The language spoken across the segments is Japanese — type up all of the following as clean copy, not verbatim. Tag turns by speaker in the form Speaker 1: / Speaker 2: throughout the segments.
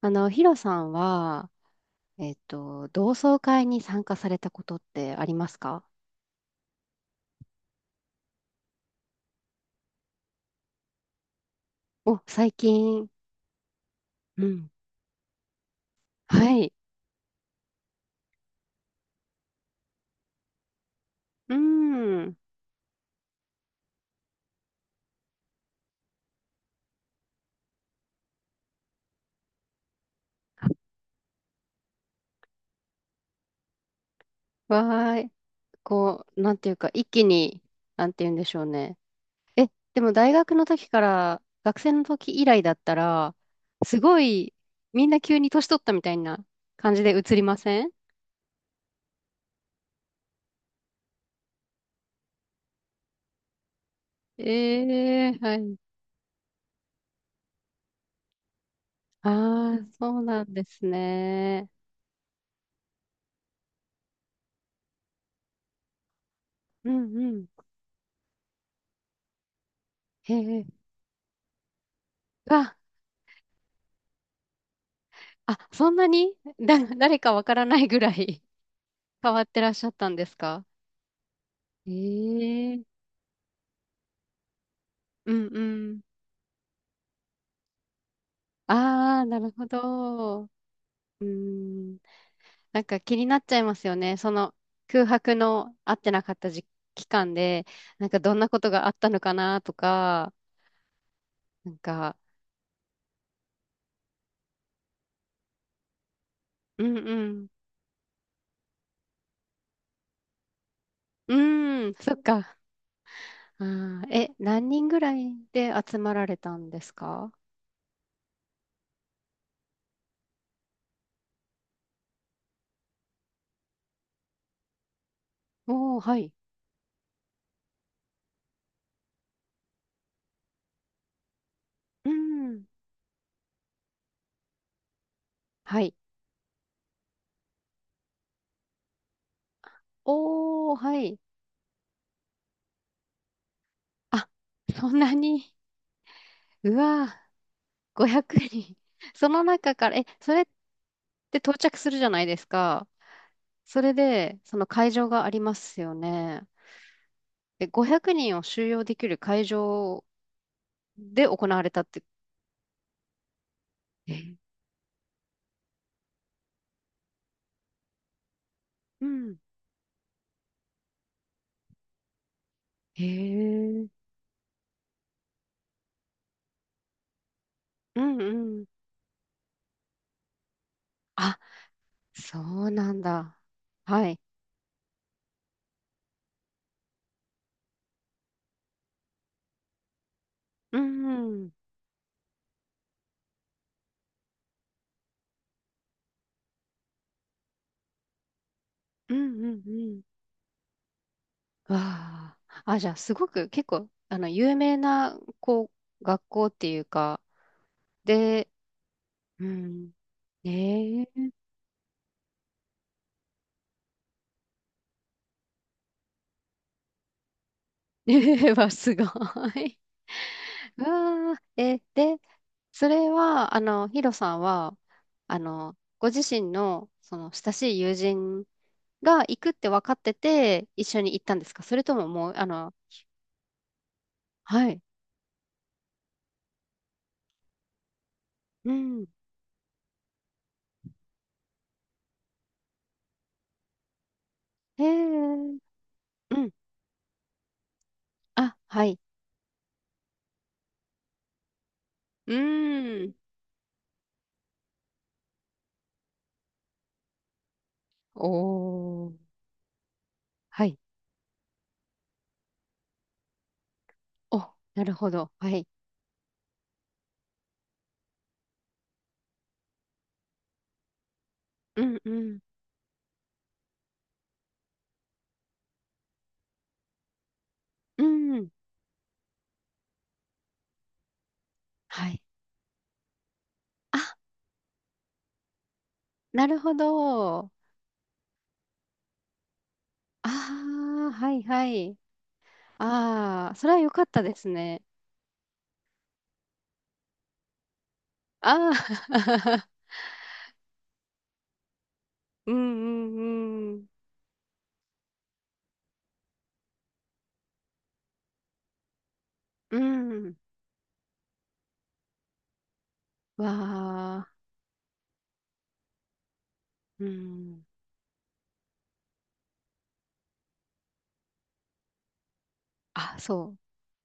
Speaker 1: ヒロさんは、同窓会に参加されたことってありますか？お、最近。うん。はい。うん。わーい。こう、なんていうか、一気に、なんて言うんでしょうね。え、でも大学の時から、学生の時以来だったら、すごい、みんな急に年取ったみたいな感じで映りません？ええー、はい。ああ、そうなんですね。うんうん。へえ。うわあ、そんなにだ 誰かわからないぐらい 変わってらっしゃったんですか？ええ、うんうん。ああ、なるほど。うーん。なんか気になっちゃいますよね。その空白の会ってなかった時期間で、なんかどんなことがあったのかなとか、なんか、うんうん。うーん、そっか。あー、何人ぐらいで集まられたんですか？おー、はい。うん。はい。おー、はい。あ、そんなに。うわぁ、500人。その中から、それって到着するじゃないですか。それで、その会場がありますよね。で、500人を収容できる会場で行われたって。え、うん。へえ。うんうん。あ、そうなんだ。はい。うんうん。うんうんうん。わあ。あ、じゃあ、すごく結構、有名な、こう、学校っていうか、で、うん。ええ はすごい。うわー、で、それは、ヒロさんは、ご自身の、その、親しい友人が行くって分かってて、一緒に行ったんですか？それとももう、はい。うん。へえ、うん。あ、はい。うーん。おー。はい。お、なるほど。はい。うん、うん。うん。はい。あ、なるほど。ああ、はいはい。ああ、それは良かったですね。ああ、うんうんうん。うん。わあ、うん。あ、そう。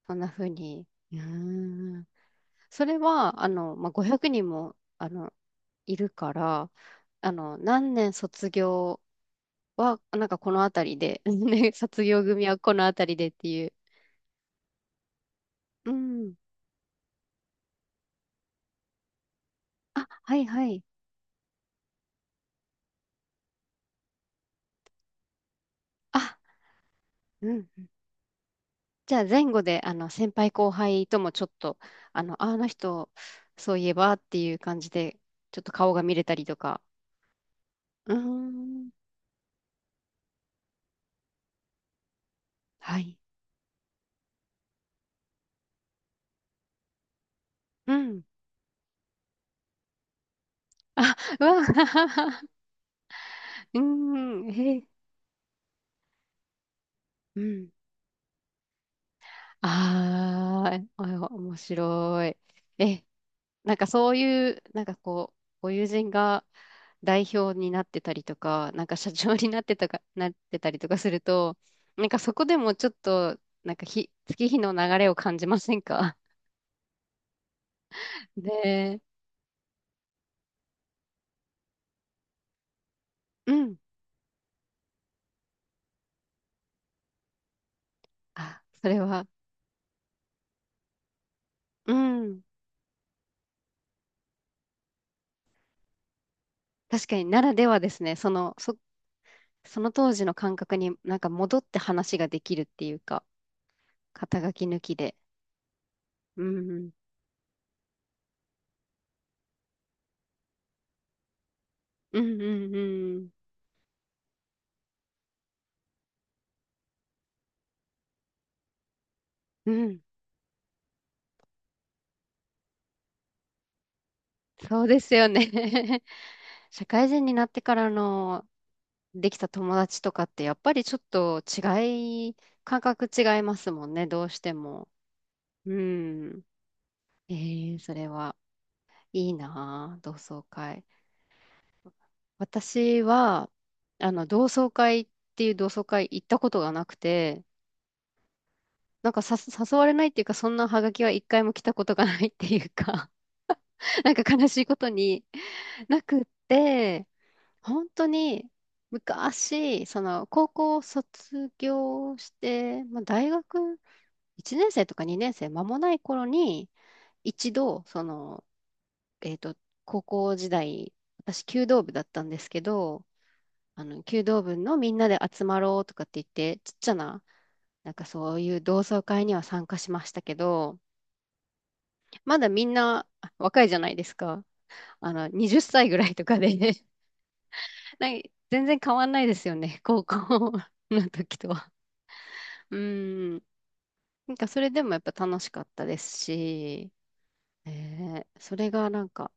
Speaker 1: そんな風に。うーん。それは、まあ、500人も、いるから、何年卒業は、なんかこの辺りで、ね、卒業組はこの辺りでっていう。うん。あ、はいはい。あ、うん。じゃあ前後で先輩後輩ともちょっと、ああの人そういえばっていう感じでちょっと顔が見れたりとか。うーん。はい。うん。あ、うわ、うーん。へえ。うん。ああ、お面白い。え、なんかそういう、なんかこう、ご友人が代表になってたりとか、なんか社長になってたか、なってたりとかすると、なんかそこでもちょっと、なんか月日の流れを感じませんか？ で、うん。あ、それは、うん。確かにならではですね。その当時の感覚になんか戻って話ができるっていうか、肩書き抜きで。うん。うんうんうん。うん。そうですよね。社会人になってからのできた友達とかってやっぱりちょっと違い、感覚違いますもんね、どうしても。うん。えー、それはいいなあ同窓会。私は、同窓会っていう同窓会行ったことがなくて、なんかさ誘われないっていうか、そんなハガキは一回も来たことがないっていうか、なんか悲しいことになくって、本当に昔、その高校を卒業して、まあ、大学1年生とか2年生間もない頃に、一度、その、えっと、高校時代、私、弓道部だったんですけど、弓道部のみんなで集まろうとかって言って、ちっちゃな、なんかそういう同窓会には参加しましたけど、まだみんなあ若いじゃないですか。20歳ぐらいとかでなんか全然変わんないですよね、高校 の時とは。うん。なんかそれでもやっぱ楽しかったですし、えーそれがなんか、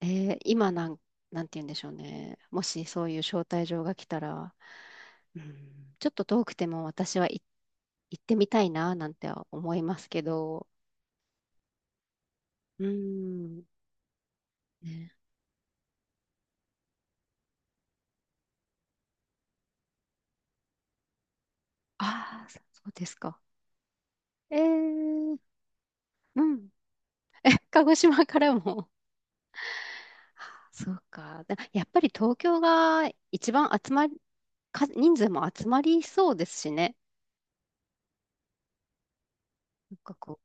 Speaker 1: えー今なんて言うんでしょうね。もしそういう招待状が来たら、うん、ちょっと遠くても私行ってみたいな、なんては思いますけど、うん。ね、ああ、そうですか。えー、うん。鹿児島からも、そうか。だやっぱり東京が一番集まり、か人数も集まりそうですしね。なんかこ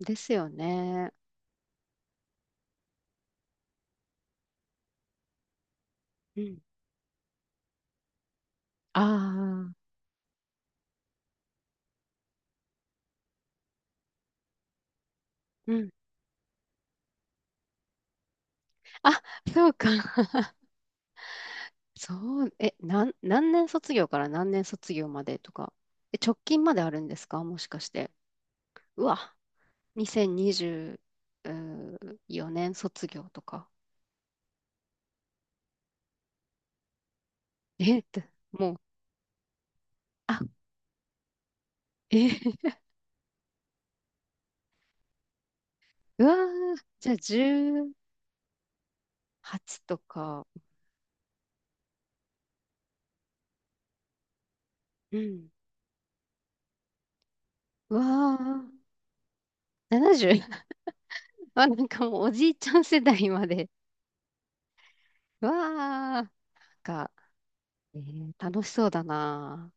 Speaker 1: う、ですよね。うん。ああ、うん。あ、そうか。そう、え、なん、何年卒業から何年卒業までとか。直近まであるんですかもしかして？うわ、2024年卒業とか。え、っもう、あ、え、うわー、じゃあ18とか。うん。うわあ、70？ あ、なんかもうおじいちゃん世代まで。うわあ、なんか、えー楽しそうだな